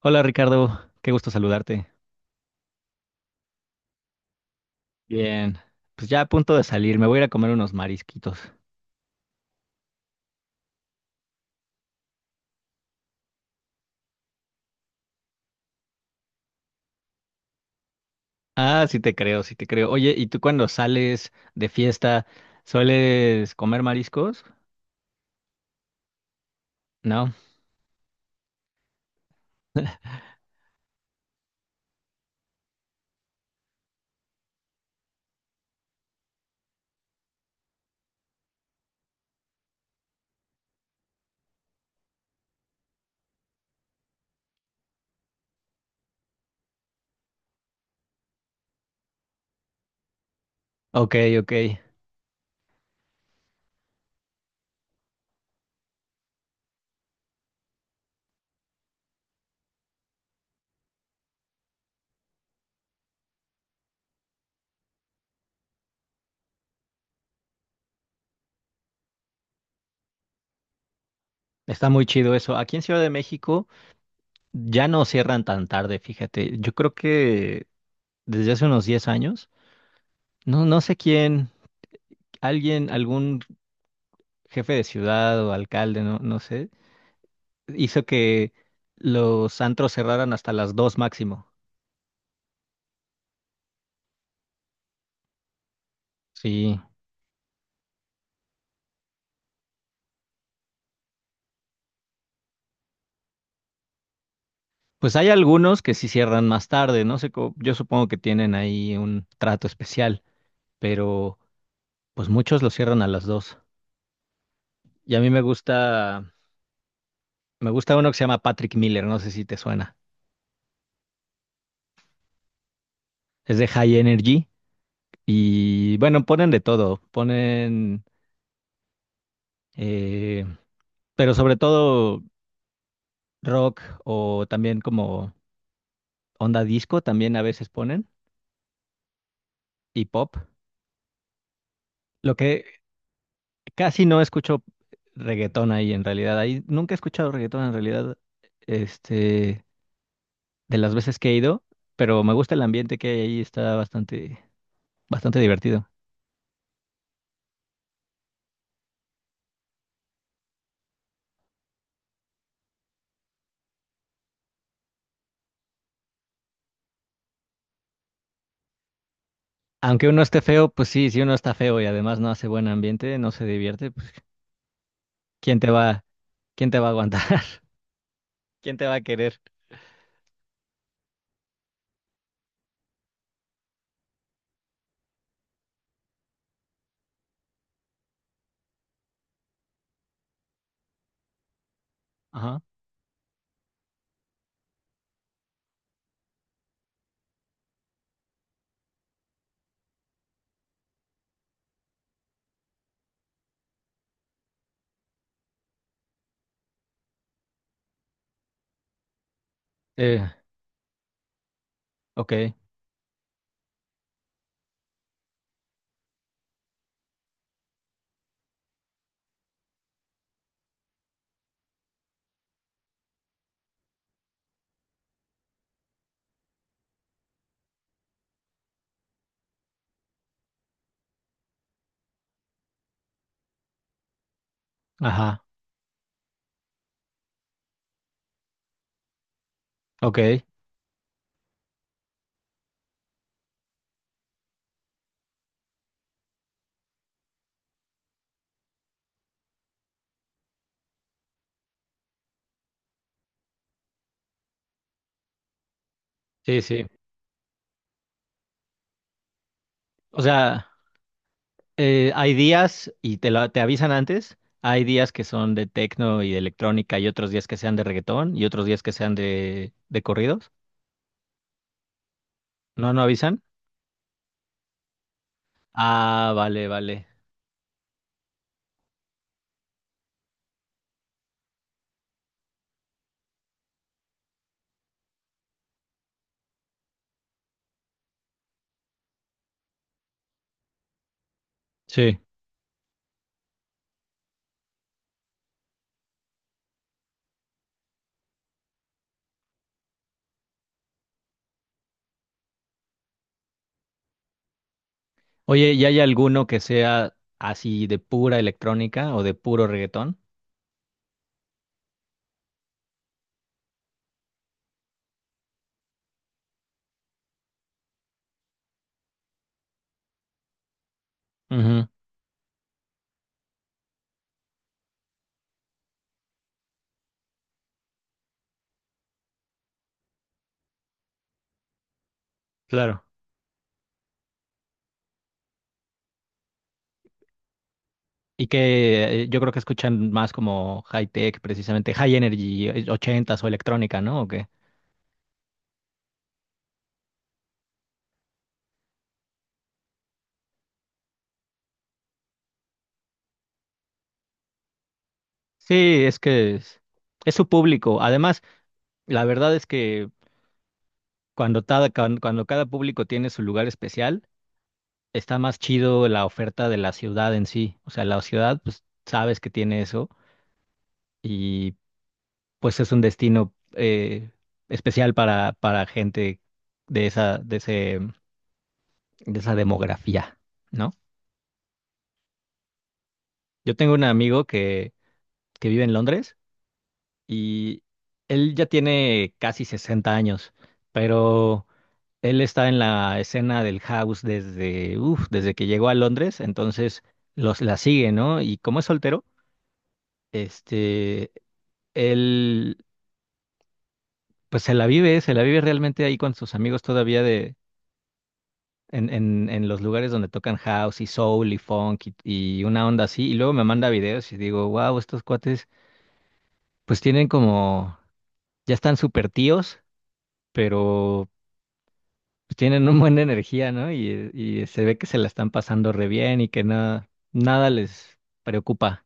Hola Ricardo, qué gusto saludarte. Bien, pues ya a punto de salir, me voy a ir a comer unos marisquitos. Ah, sí te creo, sí te creo. Oye, ¿y tú cuando sales de fiesta sueles comer mariscos? No. Ok, ok. Está muy chido eso. Aquí en Ciudad de México ya no cierran tan tarde, fíjate. Yo creo que desde hace unos 10 años, no, no sé quién, algún jefe de ciudad o alcalde, no, no sé, hizo que los antros cerraran hasta las 2 máximo. Sí, pues hay algunos que sí cierran más tarde, no sé, yo supongo que tienen ahí un trato especial, pero pues muchos lo cierran a las dos. Y a mí me gusta uno que se llama Patrick Miller, no sé si te suena. Es de High Energy y bueno, ponen de todo, ponen, eh, pero sobre todo rock o también como onda disco, también a veces ponen y pop. Lo que Casi no escucho reggaetón ahí en realidad. Ahí nunca he escuchado reggaetón en realidad, este, de las veces que he ido, pero me gusta el ambiente que hay ahí, está bastante, bastante divertido. Aunque uno esté feo, pues sí, si uno está feo y además no hace buen ambiente, no se divierte, pues ¿quién te va, quién te va a aguantar? ¿Quién te va a querer? Ajá. Eh, ok. Ajá. Ok. Sí, sí. O sea. Hay días, y te avisan antes, hay días que son de tecno y de electrónica y otros días que sean de reggaetón y otros días que sean de corridos. ¿No, no avisan? Ah, vale, vale. Sí. Oye, ¿y hay alguno que sea así de pura electrónica o de puro reggaetón? Ujú, claro. Y que yo creo que escuchan más como high tech, precisamente high energy, 80 o electrónica, ¿no? ¿O qué? Sí, es que es su público. Además, la verdad es que cuando cada público tiene su lugar especial, está más chido la oferta de la ciudad en sí. O sea, la ciudad, pues sabes que tiene eso y pues es un destino especial para gente de esa, de ese, de esa demografía, ¿no? Yo tengo un amigo que vive en Londres y él ya tiene casi 60 años, pero... Él está en la escena del house desde que llegó a Londres, entonces la sigue, ¿no? Y como es soltero, este, él, pues se la vive realmente ahí con sus amigos todavía en los lugares donde tocan house y soul y funk y una onda así. Y luego me manda videos y digo, wow, estos cuates, pues ya están súper tíos, pero pues, tienen un buena energía, ¿no? Y se ve que se la están pasando re bien y que nada, nada les preocupa.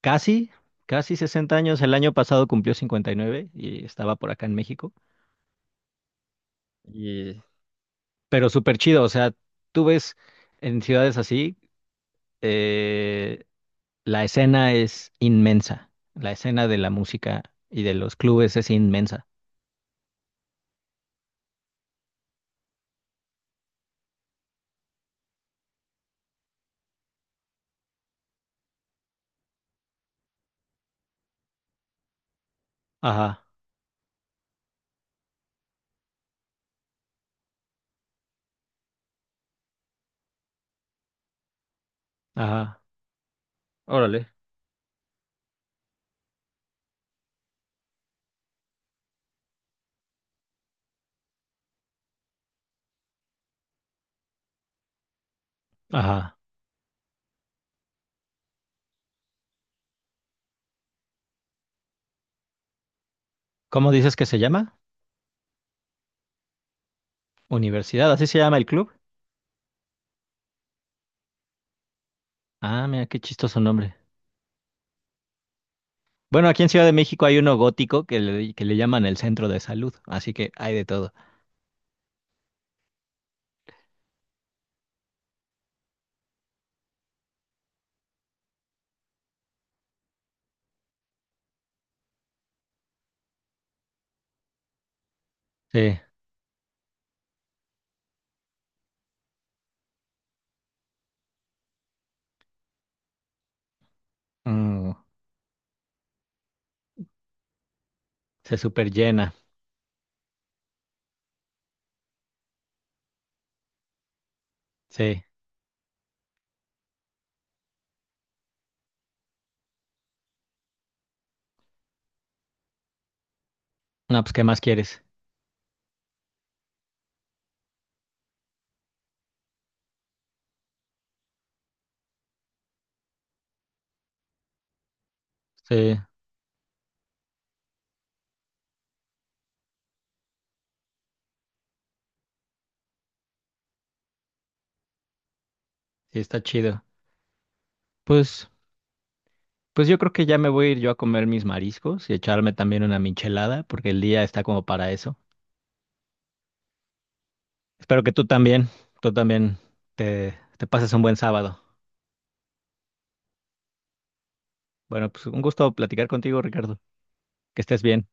Casi, casi 60 años. El año pasado cumplió 59 y nueve y estaba por acá en México. Y pero súper chido, o sea, tú ves en ciudades así, eh, la escena es inmensa. La escena de la música y de los clubes es inmensa. Ajá, ajá, órale. Ajá. ¿Cómo dices que se llama? Universidad, ¿así se llama el club? Ah, mira, qué chistoso nombre. Bueno, aquí en Ciudad de México hay uno gótico que le llaman el centro de salud, así que hay de todo. Sí, mm, se super llena. Sí. No, pues, ¿qué más quieres? Sí, sí, está chido. Pues, pues yo creo que ya me voy a ir yo a comer mis mariscos y echarme también una michelada, porque el día está como para eso. Espero que tú también te pases un buen sábado. Bueno, pues un gusto platicar contigo, Ricardo. Que estés bien.